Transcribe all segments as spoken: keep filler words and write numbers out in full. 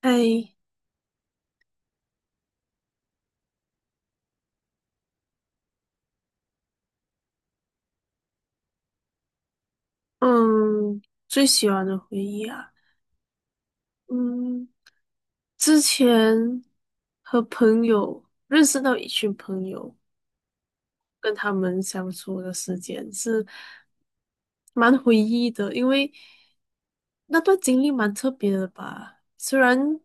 哎，嗯，最喜欢的回忆啊，嗯，之前和朋友认识到一群朋友，跟他们相处的时间是蛮回忆的，因为那段经历蛮特别的吧。虽然，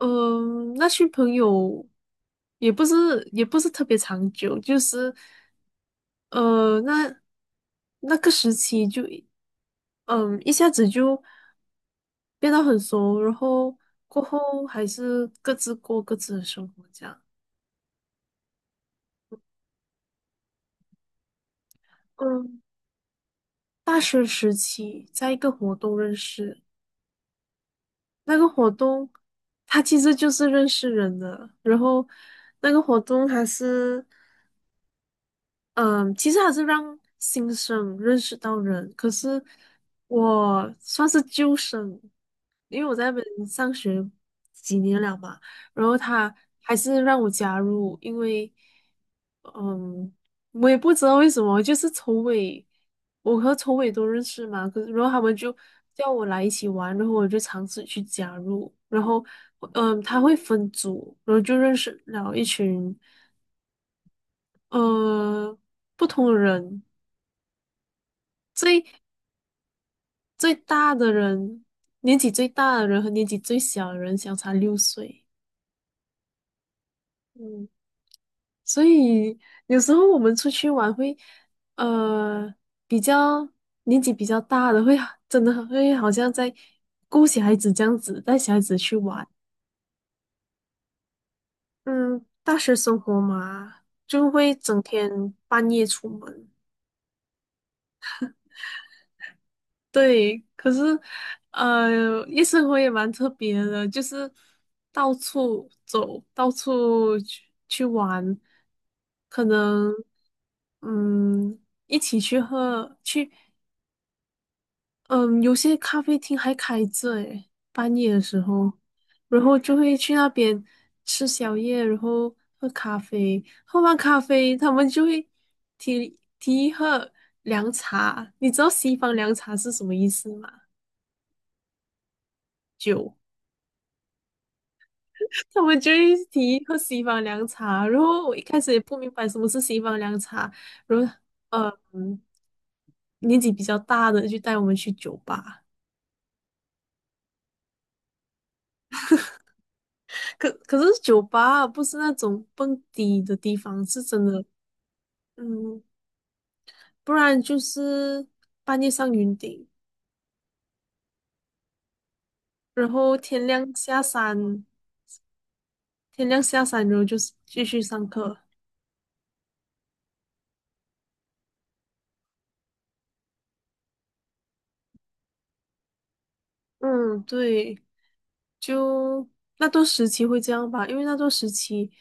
嗯，那群朋友也不是也不是特别长久，就是呃，那那个时期就，嗯，一下子就变得很熟，然后过后还是各自过各自的生活这样。嗯，大学时期在一个活动认识，那个活动它其实就是认识人的，然后那个活动还是嗯，其实还是让新生认识到人，可是我算是旧生，因为我在那边上学几年了嘛，然后他还是让我加入，因为，嗯，我也不知道为什么，就是筹委，我和筹委都认识嘛，可是然后他们就叫我来一起玩，然后我就尝试去加入，然后，嗯，他会分组，然后就认识了一群，呃，不同的人，最大的人，年纪最大的人和年纪最小的人相差六岁，嗯。所以有时候我们出去玩会，呃，比较年纪比较大的会真的会好像在顾小孩子这样子，带小孩子去玩。嗯，大学生活嘛，就会整天半夜出门。对，可是，呃，夜生活也蛮特别的，就是到处走，到处去去玩，可能，嗯，一起去喝，去。嗯，有些咖啡厅还开着诶，半夜的时候，然后就会去那边吃宵夜，然后喝咖啡。喝完咖啡，他们就会提提议喝凉茶。你知道西方凉茶是什么意思吗？酒。他们就会提议喝西方凉茶，然后我一开始也不明白什么是西方凉茶，然后呃嗯年纪比较大的就带我们去酒吧。可可是酒吧不是那种蹦迪的地方，是真的，嗯，不然就是半夜上云顶，然后天亮下山，天亮下山，然后就是继续上课。嗯，对。就那段时期会这样吧，因为那段时期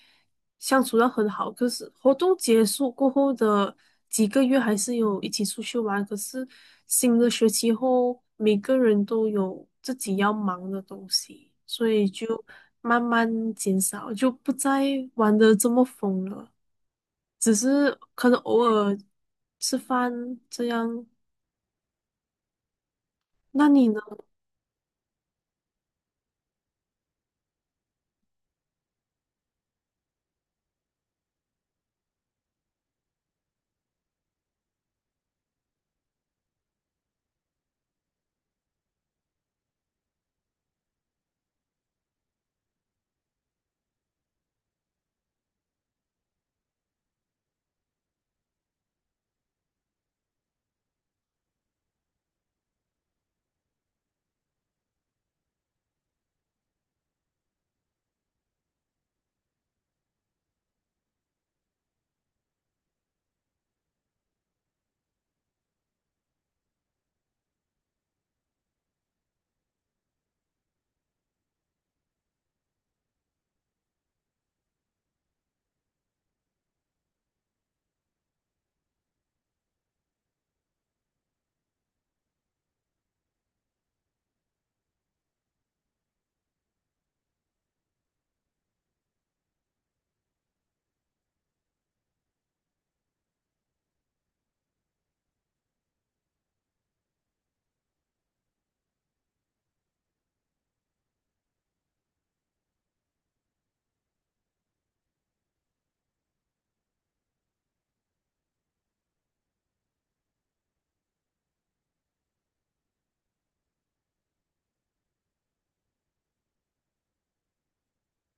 相处的很好，可是活动结束过后的几个月还是有一起出去玩，可是新的学期后，每个人都有自己要忙的东西，所以就慢慢减少，就不再玩的这么疯了，只是可能偶尔吃饭这样。那你呢？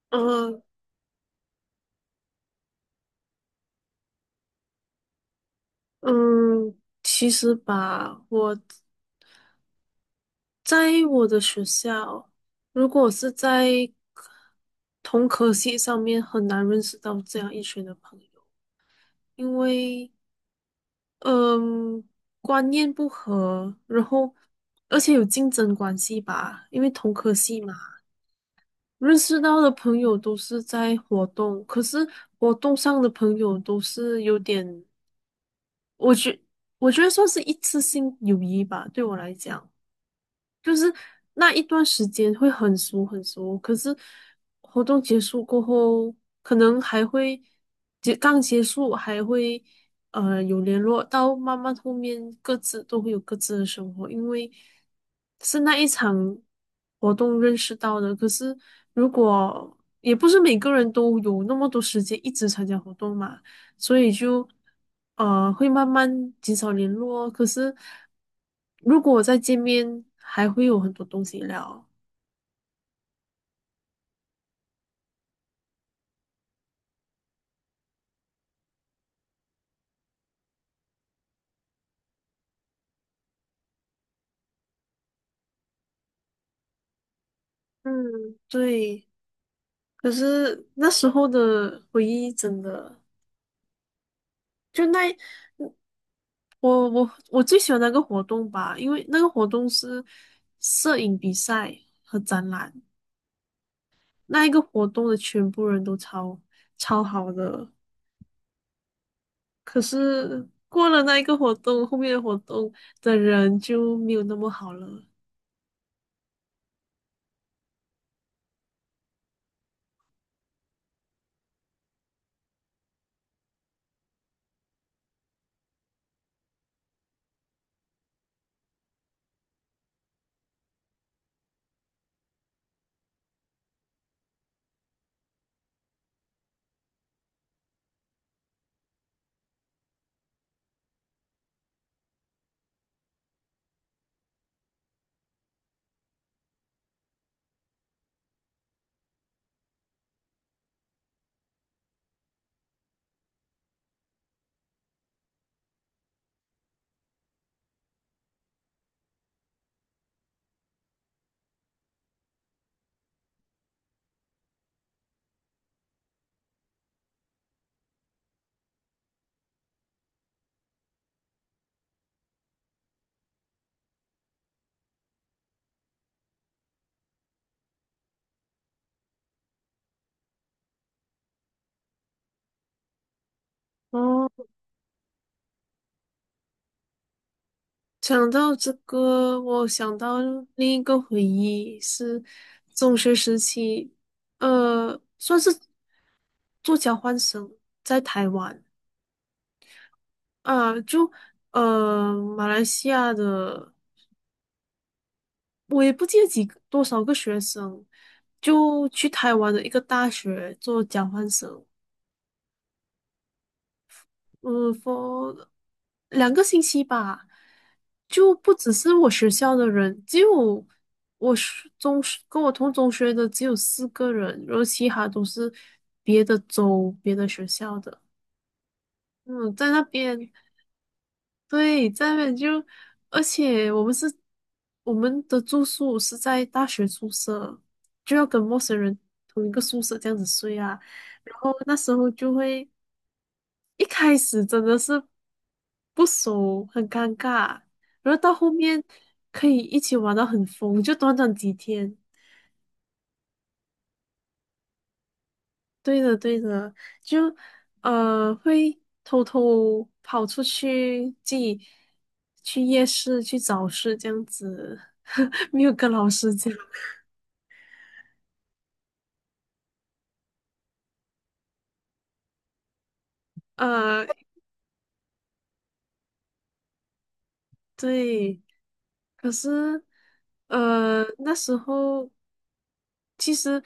呃，嗯，其实吧，我。在我的学校，如果是在同科系上面，很难认识到这样一群的朋友，因为嗯，观念不合，然后而且有竞争关系吧，因为同科系嘛，认识到的朋友都是在活动，可是活动上的朋友都是有点，我觉我觉得算是一次性友谊吧，对我来讲。就是那一段时间会很熟很熟，可是活动结束过后，可能还会结刚结束还会呃有联络，到慢慢后面各自都会有各自的生活，因为是那一场活动认识到的。可是如果也不是每个人都有那么多时间一直参加活动嘛，所以就呃会慢慢减少联络。可是如果再见面，还会有很多东西聊。嗯，对，可是那时候的回忆真的，就那我我我最喜欢那个活动吧，因为那个活动是摄影比赛和展览，那一个活动的全部人都超超好的，可是过了那一个活动，后面的活动的人就没有那么好了。哦，讲到这个，我想到另一个回忆是中学时期，呃，算是做交换生在台湾啊，就呃马来西亚的多少个学生就去台湾的一个大学做交换生，嗯，for 两个星期吧，就不只是我学校的人，只有我是中学跟我同中学的只有四个人，然后其他都是别的州、别的学校的。嗯，在那边，对，在那边就，而且我们是我们的住宿是在大学宿舍，就要跟陌生人同一个宿舍这样子睡啊，然后那时候就会。一开始真的是不熟，很尴尬，然后到后面可以一起玩到很疯，就短短几天。对的，对的，就呃会偷偷跑出去，自己去夜市去早市这样子，没有跟老师讲。呃，对，可是呃那时候其实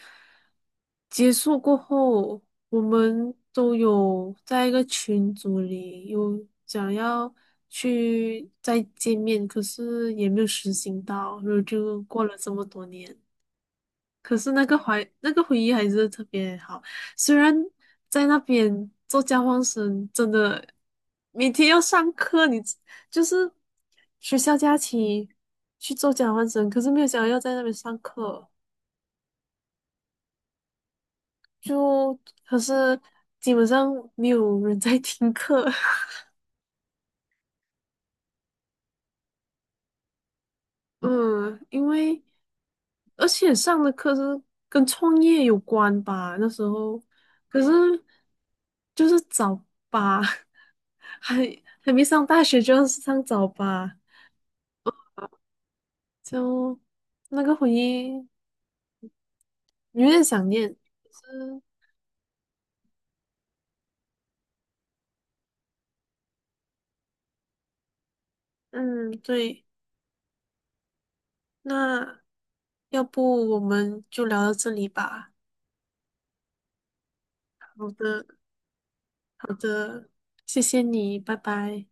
结束过后，我们都有在一个群组里有想要去再见面，可是也没有实行到，然后就过了这么多年。可是那个怀那个回忆还是特别好，虽然在那边做交换生，真的每天要上课，你知就是学校假期去做交换生，可是没有想到要在那边上课，就可是基本上没有人在听课，嗯，因为而且上的课是跟创业有关吧，那时候可是就是早八，还还没上大学就要上早八。就那个回忆有点想念。是，嗯，对，那要不我们就聊到这里吧。好的，好的，谢谢你，拜拜。